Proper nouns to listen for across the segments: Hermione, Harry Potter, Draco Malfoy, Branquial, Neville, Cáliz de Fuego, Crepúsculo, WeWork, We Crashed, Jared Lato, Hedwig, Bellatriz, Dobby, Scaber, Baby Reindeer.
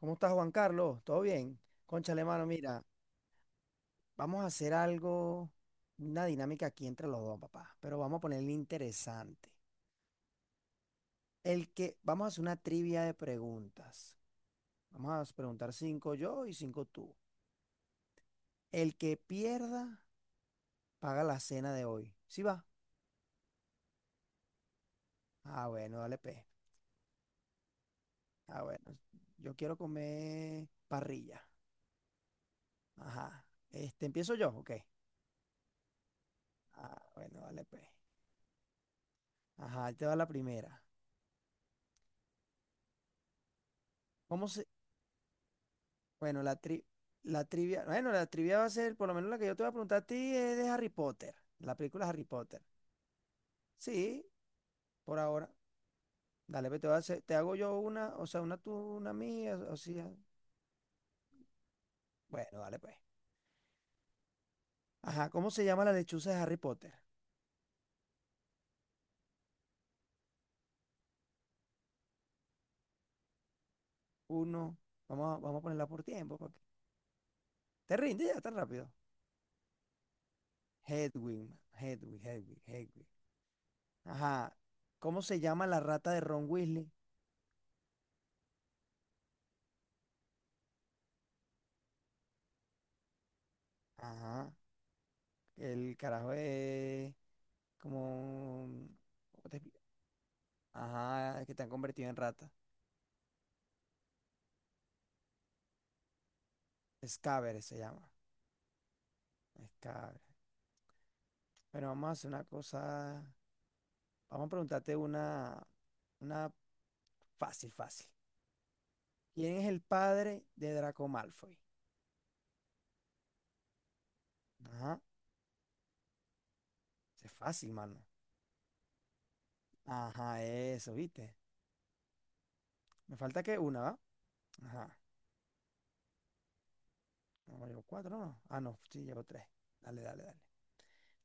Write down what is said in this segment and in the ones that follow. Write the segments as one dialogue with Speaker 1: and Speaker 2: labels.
Speaker 1: ¿Cómo estás, Juan Carlos? ¿Todo bien? Cónchale, mano, mira, vamos a hacer algo, una dinámica aquí entre los dos, papá, pero vamos a ponerle interesante. Vamos a hacer una trivia de preguntas. Vamos a preguntar cinco yo y cinco tú. El que pierda, paga la cena de hoy. ¿Sí va? Ah, bueno, dale, pe. Ah, bueno, yo quiero comer parrilla. Ajá. Este, ¿empiezo yo? Ok. Ah, bueno, dale, pe. Ajá, ahí te va la primera. ¿Cómo se, Bueno, la tri- la trivia, bueno, la trivia va a ser, por lo menos la que yo te voy a preguntar a ti es de Harry Potter, la película Harry Potter. Sí, por ahora. Dale, pues te voy a hacer- te hago yo una, o sea, una tú, una mía, o sea. Bueno, dale pues. Ajá, ¿cómo se llama la lechuza de Harry Potter? Uno, vamos a ponerla por tiempo, porque te rinde ya tan rápido. Hedwig, man, Hedwig, Hedwig, Hedwig. Ajá, ¿cómo se llama la rata de Ron Weasley? Ajá, el carajo es como. Ajá, que te han convertido en rata. Scaber se llama. Scaber. Bueno, vamos a hacer una cosa. Vamos a preguntarte una fácil, fácil. ¿Quién es el padre de Draco Malfoy? Ajá, ese es fácil, mano. Ajá, eso, ¿viste? Me falta que una, ¿va? Ajá. No, llevo cuatro, ¿no? Ah, no, sí, llevo tres. Dale, dale, dale.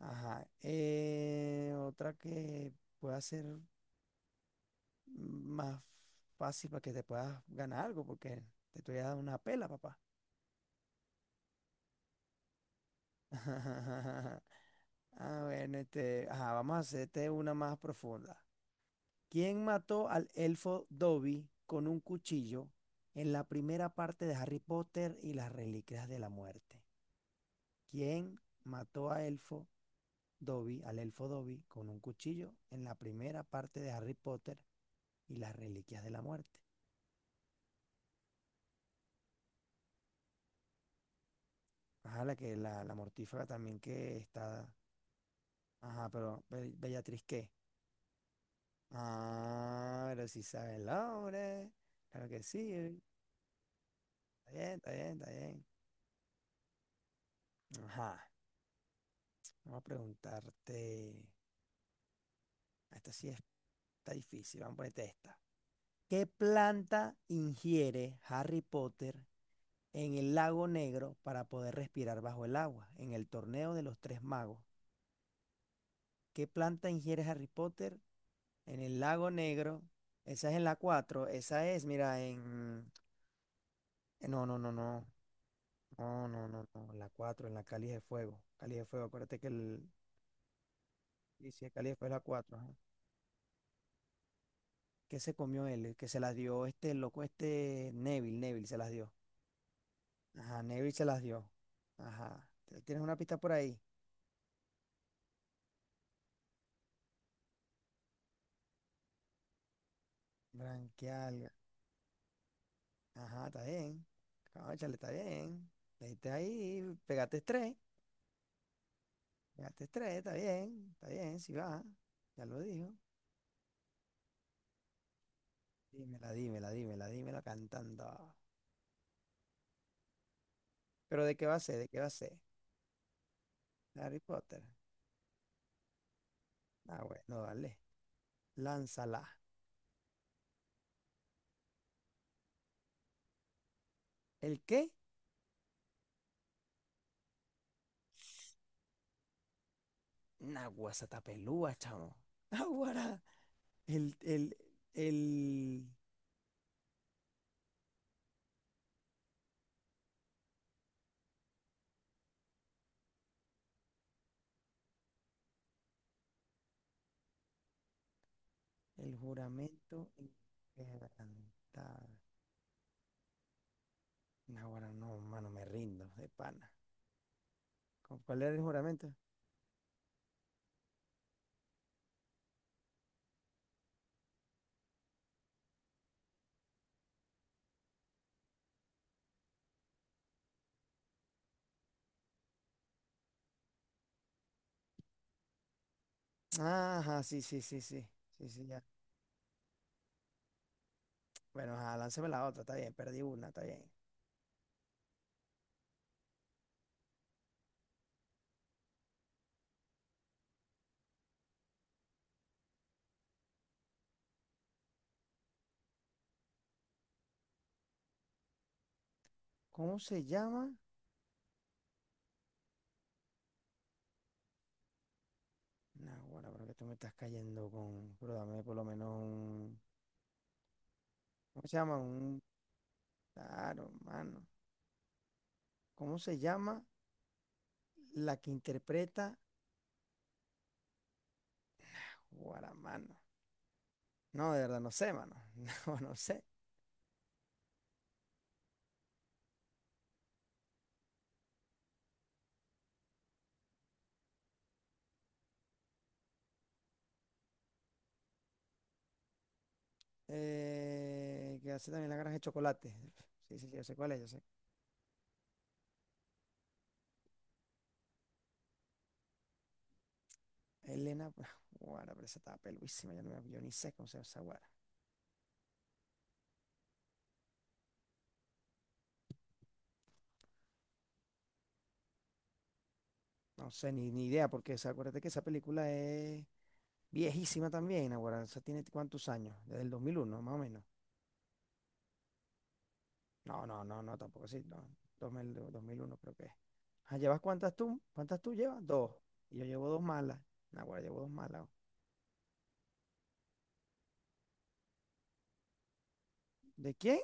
Speaker 1: Ajá. Otra que pueda ser más fácil para que te puedas ganar algo, porque te estoy dando una pela, papá. Ah, bueno, ajá, vamos a hacerte una más profunda. ¿Quién mató al elfo Dobby con un cuchillo en la primera parte de Harry Potter y las Reliquias de la Muerte? ¿Quién mató al elfo Dobby con un cuchillo en la primera parte de Harry Potter y las Reliquias de la Muerte? Ajá, la mortífaga también que está. Ajá, pero Bellatriz, ¿qué? Ah, pero si sabe el hombre. Claro que sí. Está bien, está bien, está bien. Ajá. Vamos a preguntarte. Esta sí está difícil. Vamos a ponerte esta. ¿Qué planta ingiere Harry Potter en el lago negro para poder respirar bajo el agua? En el torneo de los tres magos. ¿Qué planta ingiere Harry Potter en el lago negro? Esa es en la cuatro. Esa es, mira, en. No, no, no, no. No, no, no, no. En la cuatro, en la Cáliz de Fuego. Cáliz de Fuego. Acuérdate que el. Sí, sí, el Cáliz de Fuego es la cuatro. ¿Qué se comió él? Que se las dio este loco, este Neville se las dio. Ajá, Neville se las dio. Ajá. ¿Tienes una pista por ahí? Branquial. Ajá, está bien. Cónchale, está bien. Le diste ahí, pegaste tres. Pegaste tres, está bien. Está bien, si va. Ya lo dijo. Dímela, dímela, dímela, dímela cantando. ¿Pero de qué va a ser? ¿De qué va a ser? Harry Potter. Ah, bueno, dale. Lánzala. ¿El qué? Naguazatapelúa, chamo. Naguará. El, el, el, el juramento inquebrantable. No, bueno, no, mano, me rindo de pana. ¿Con ¿Cuál era el juramento? Ajá, sí, sí, sí, sí. Sí, sí, ya. Bueno, ajá, lánceme la otra, está bien, perdí una, está bien. ¿Cómo se llama? No, bueno, pero que tú me estás cayendo con. Pero dame por lo menos un. ¿Cómo se llama? Un. Claro, mano. ¿Cómo se llama la que interpreta Guaramano? No, de verdad, no sé, mano. No, no sé. Que hace también la granja de chocolate. Sí, sí, sí, yo sé cuál es, yo sé. Elena, pues, guara, pero esa estaba peluísima, yo, no me- yo ni sé cómo se llama esa guara. No sé, ni idea, porque o acuérdate que esa película es viejísima también, ahora, esa tiene cuántos años, desde el 2001 más o menos. No, no, no, no, tampoco sí, no, 2001 creo que es. Ah, ¿llevas cuántas tú? ¿Cuántas tú llevas? Dos. Y yo llevo dos malas. Naguará, llevo dos malas. ¿De quién?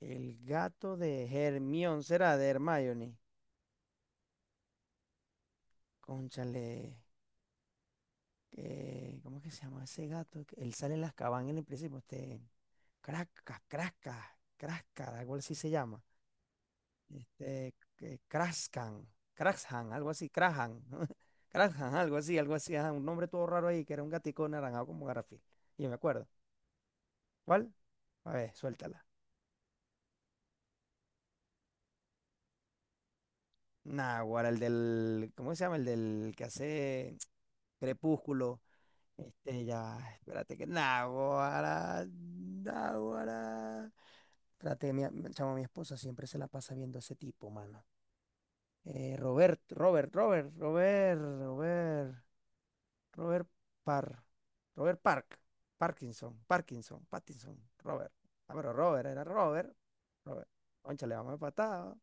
Speaker 1: El gato de Hermión, será de Hermione. Cónchale. ¿Cómo es que se llama ese gato? Que él sale en las cabañas en el principio, Crascas, Crascas, Crascas, algo así se llama. Que Crascan, Crashan, algo así, Crahan, Crashan, algo así, ajá, un nombre todo raro ahí, que era un gatico naranjado como Garafil. Yo me acuerdo. ¿Cuál? A ver, suéltala. Naguará, el del, ¿cómo se llama? El del que hace Crepúsculo. Ya, espérate que. Naguará, Naguará. Traté, mi, chamo, mi esposa siempre se la pasa viendo a ese tipo, mano. Robert, Robert, Robert, Robert, Robert, Robert Parr, Robert Park, Parkinson, Parkinson, Pattinson, Robert. Ah, pero Robert, era Robert, Robert, le vamos a empatar.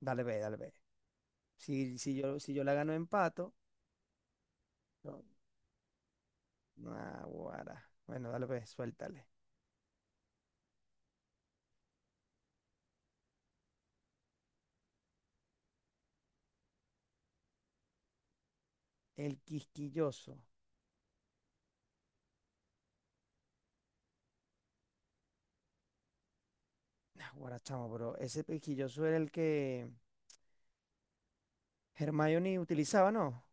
Speaker 1: Dale, ve, dale, ve. Si yo la gano empato, no, nah, guara. Bueno, dale, ve, suéltale. El quisquilloso. Nah, guara, chamo, pero ese quisquilloso era el que Hermione utilizaba, ¿no?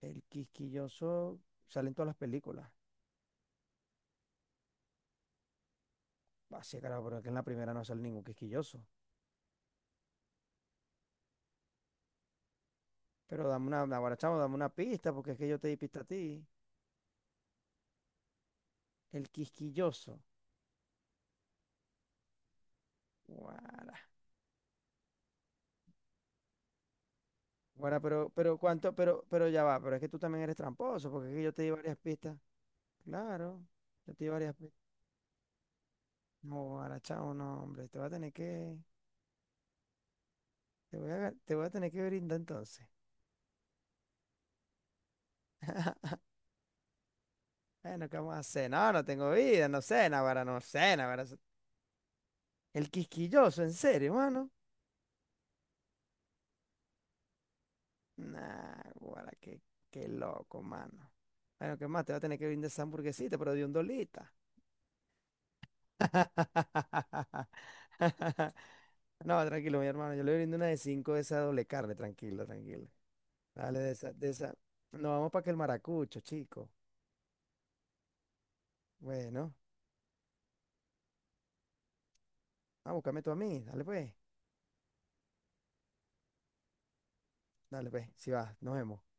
Speaker 1: El quisquilloso sale en todas las películas. Así, claro, pero es que en la primera no sale ningún quisquilloso. Pero dame una, ahora chamo, dame una pista, porque es que yo te di pista a ti. El quisquilloso. Guara. Guara, pero cuánto, pero ya va, pero es que tú también eres tramposo, porque es que yo te di varias pistas. Claro, yo te di varias pistas. No, guara, chamo, no, hombre, te voy a tener que brindar entonces. Bueno, ¿qué vamos a hacer? No, no tengo vida, no sé, naguará, no sé, naguará. El quisquilloso, en serio, mano. Nah, guara, qué loco, mano. Bueno, ¿qué más? Te va a tener que brindar esa hamburguesita, pero de un dolita. No, tranquilo, mi hermano. Yo le brindo una de cinco de esa doble carne, tranquilo, tranquilo. Dale de esa, de esa. Nos vamos para que el maracucho, chico. Bueno, búscame tú a mí. Dale pues, dale pues. Si vas, nos vemos.